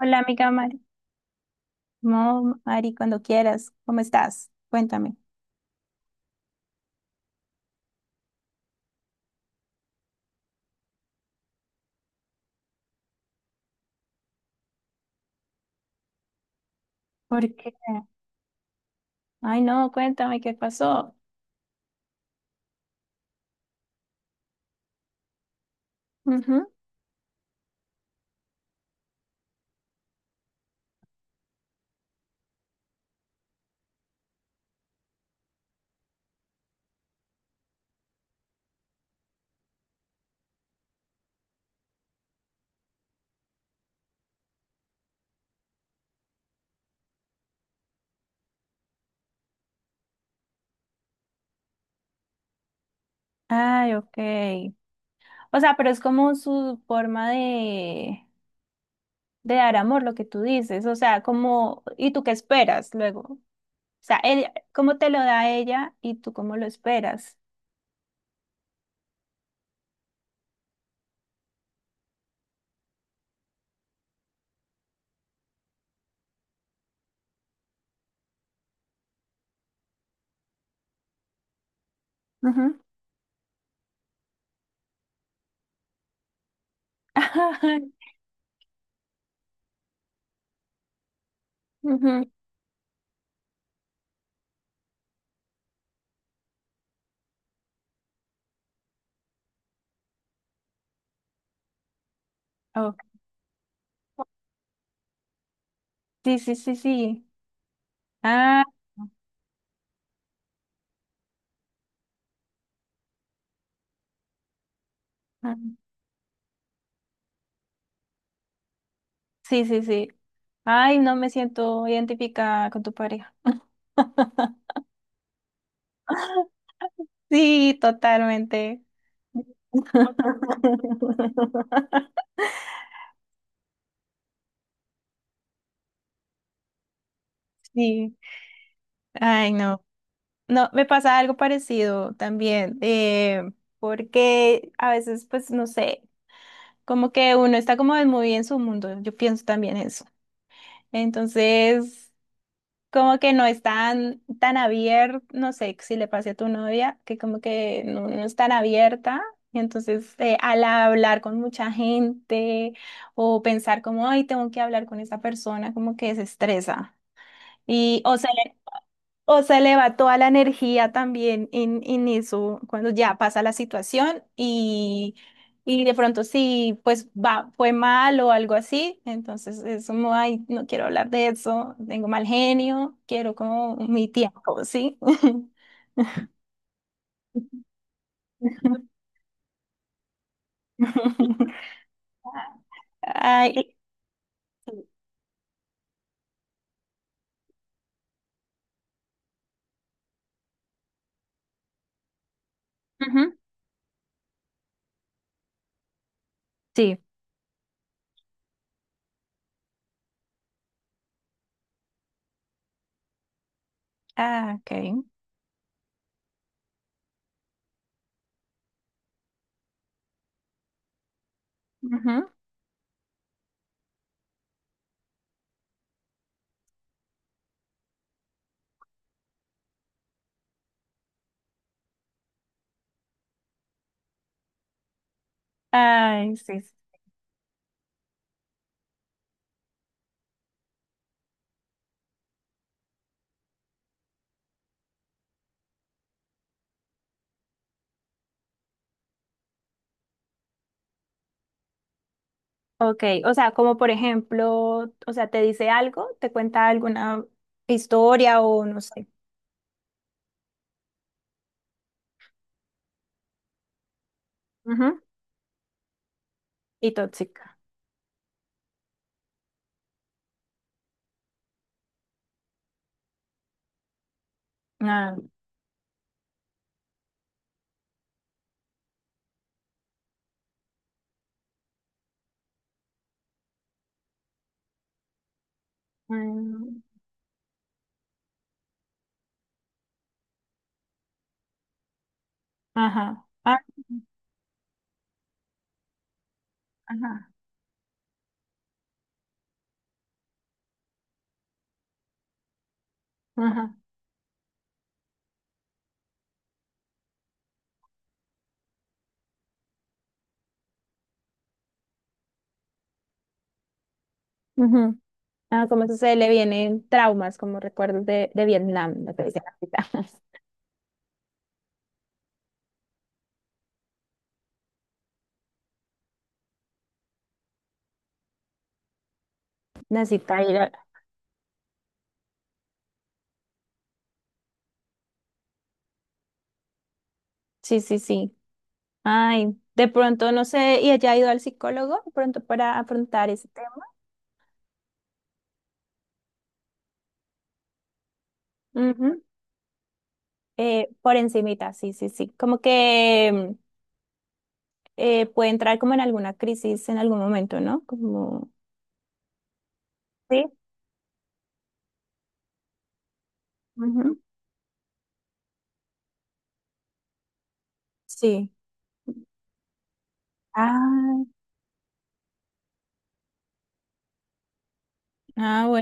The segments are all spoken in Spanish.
Hola, amiga Mari. No, Mari, cuando quieras. ¿Cómo estás? Cuéntame. ¿Por qué? Ay, no, cuéntame qué pasó. Ujú. Ay, ok. O sea, pero es como su forma de dar amor, lo que tú dices. O sea, como, ¿y tú qué esperas luego? O sea, él, ¿cómo te lo da ella y tú cómo lo esperas? Ujú. Ujú. Ok. Sí, sí, sí, sí. Ah, ujú. Sí, sí, sí. Ay, no me siento identificada con tu pareja. Sí, totalmente. Sí. Ay, no. No, me pasa algo parecido también, porque a veces, pues, no sé, como que uno está como muy en su mundo. Yo pienso también eso. Entonces, como que no es tan abierto, no sé, si le pase a tu novia, que como que no, no es tan abierta. Entonces, al hablar con mucha gente o pensar como, ay, tengo que hablar con esa persona, como que se estresa. Y o se le va toda la energía también en eso, cuando ya pasa la situación y de pronto sí, pues va, fue mal o algo así, entonces es como, ay, no quiero hablar de eso, tengo mal genio, quiero como mi tiempo, ¿sí? Ay, ah, ok. Ujú. Ay, sí. Sí. Ok, o sea, como por ejemplo, o sea, te dice algo, te cuenta alguna historia o no sé. Ujú. Y tóxica. Ah, mm, ajá. Ah, ajá. Ajá. Ujú. Ah, como eso se le vienen traumas, como recuerdos de Vietnam, lo que dice la cita. Necesita ir a- Sí, sí, sí. Ay, de pronto, no sé, y ella ha ido al psicólogo, de pronto para afrontar ese tema. Ujú. Por encimita, sí, sí, sí. Como que puede entrar como en alguna crisis en algún momento, ¿no? Como... Sí. Ujú. Sí. Ah, ah,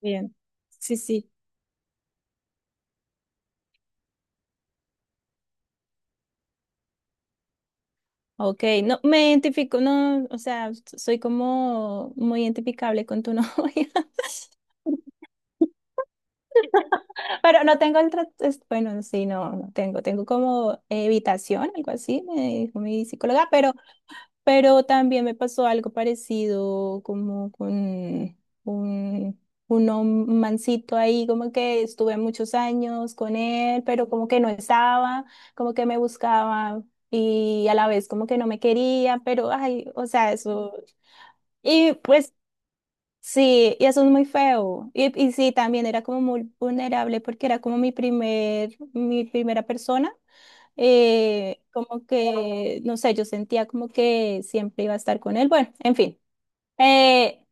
bien. Sí, sí. Ok, no, me identifico, no, o sea, soy como muy identificable con tu novia, pero no tengo el trato, bueno, sí, no, no tengo, tengo como evitación, algo así, me dijo mi psicóloga, pero también me pasó algo parecido como con un, un hom- mancito ahí, como que estuve muchos años con él, pero como que no estaba, como que me buscaba y a la vez como que no me quería, pero ay, o sea, eso. Y pues sí, y eso es muy feo. Y sí, también era como muy vulnerable porque era como mi primer, mi primera persona como que, no sé, yo sentía como que siempre iba a estar con él. Bueno, en fin. Eh,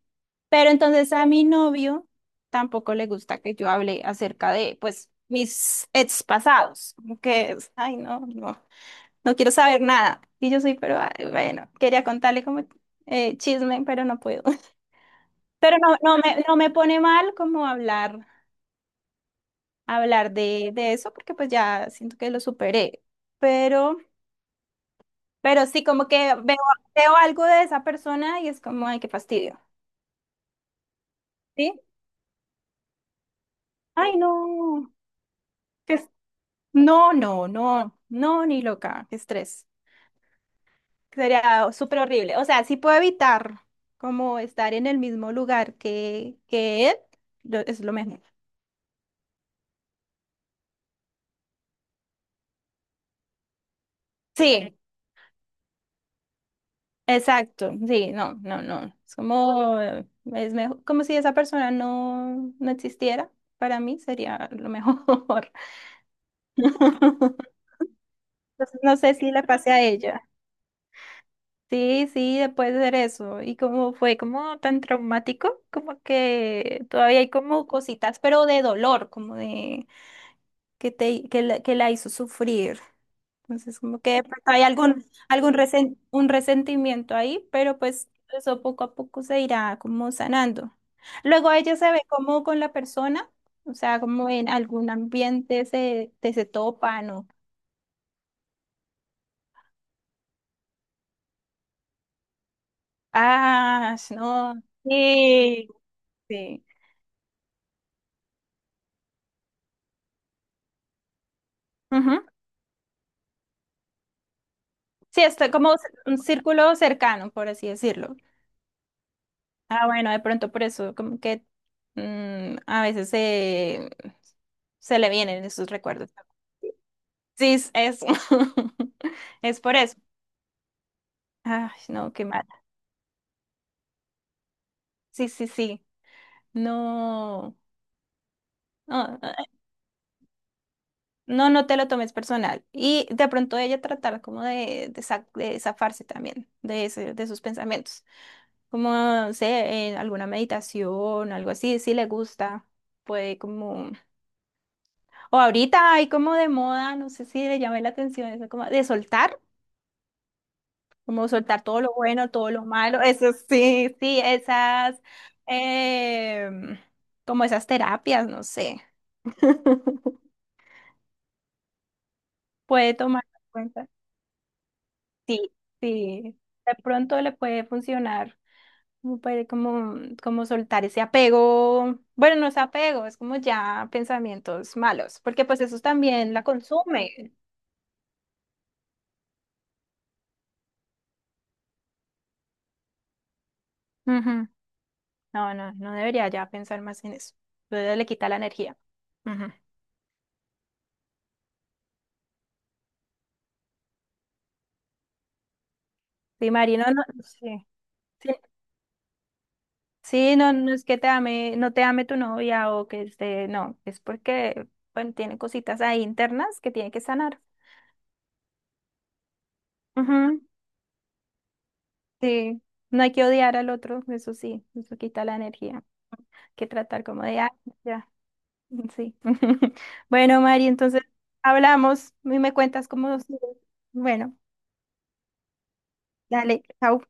pero entonces a mi novio tampoco le gusta que yo hable acerca de, pues, mis ex pasados. Como que, es, ay, no, no, no quiero saber nada. Y yo soy, pero ay, bueno, quería contarle como chisme, pero no puedo. Pero no, no me, no me pone mal como hablar, hablar de eso, porque pues ya siento que lo superé. Pero Pero sí, como que veo, veo algo de esa persona y es como, ay, qué fastidio. ¿Sí? Ay, no. Qué es- no, no, no, no, ni loca. Qué estrés. Sería súper horrible. O sea, sí puedo evitar como estar en el mismo lugar que él, lo- es lo mejor. Sí, exacto. Sí, no, no, no. Es como, es mejor, como si esa persona no, no existiera. Para mí sería lo mejor. Entonces, no sé si le pase a ella. Sí, sí, después de hacer eso. Y como fue como tan traumático, como que todavía hay como cositas, pero de dolor, como de que te que la hizo sufrir. Entonces, como que de pronto hay algún, algún resen- un resentimiento ahí, pero pues eso poco a poco se irá como sanando. Luego ella se ve como con la persona, o sea, como en algún ambiente se, te se topan o, ah, no, sí, sí. Sí, está como un círculo cercano, por así decirlo. Ah, bueno, de pronto por eso, como que mm, a veces se, se le vienen esos recuerdos. Sí, es eso. Es por eso. Ay, no, qué mal. Sí, sí, sí. No, no, no, no te lo tomes personal. Y de pronto ella tratar como sa- de zafarse también de, ese- de sus pensamientos. Como, no sé, en alguna meditación, algo así, si le gusta, puede como... O ahorita hay como de moda, no sé si le llamé la atención, eso como de soltar, como soltar todo lo bueno, todo lo malo, eso sí, sí, esas, em, como esas terapias, no sé, puede tomar en cuenta. Sí, sí, de pronto le puede funcionar, como, puede- como, como soltar ese apego, bueno, no es apego, es como ya pensamientos malos, porque pues eso también la consume. No, no, no debería ya pensar más en eso. Luego le quita la energía. Ujú. Sí, Mari, no, no, sí. Sí, sí, no, no es que te ame, no te ame tu novia o que esté, no, es porque, bueno, tiene cositas ahí internas que tiene que sanar. Ujú. Sí, no hay que odiar al otro, eso sí, eso quita la energía. Hay que tratar como de, ah, ya, sí. Bueno, Mari, entonces hablamos y me cuentas cómo. Bueno, dale, chao.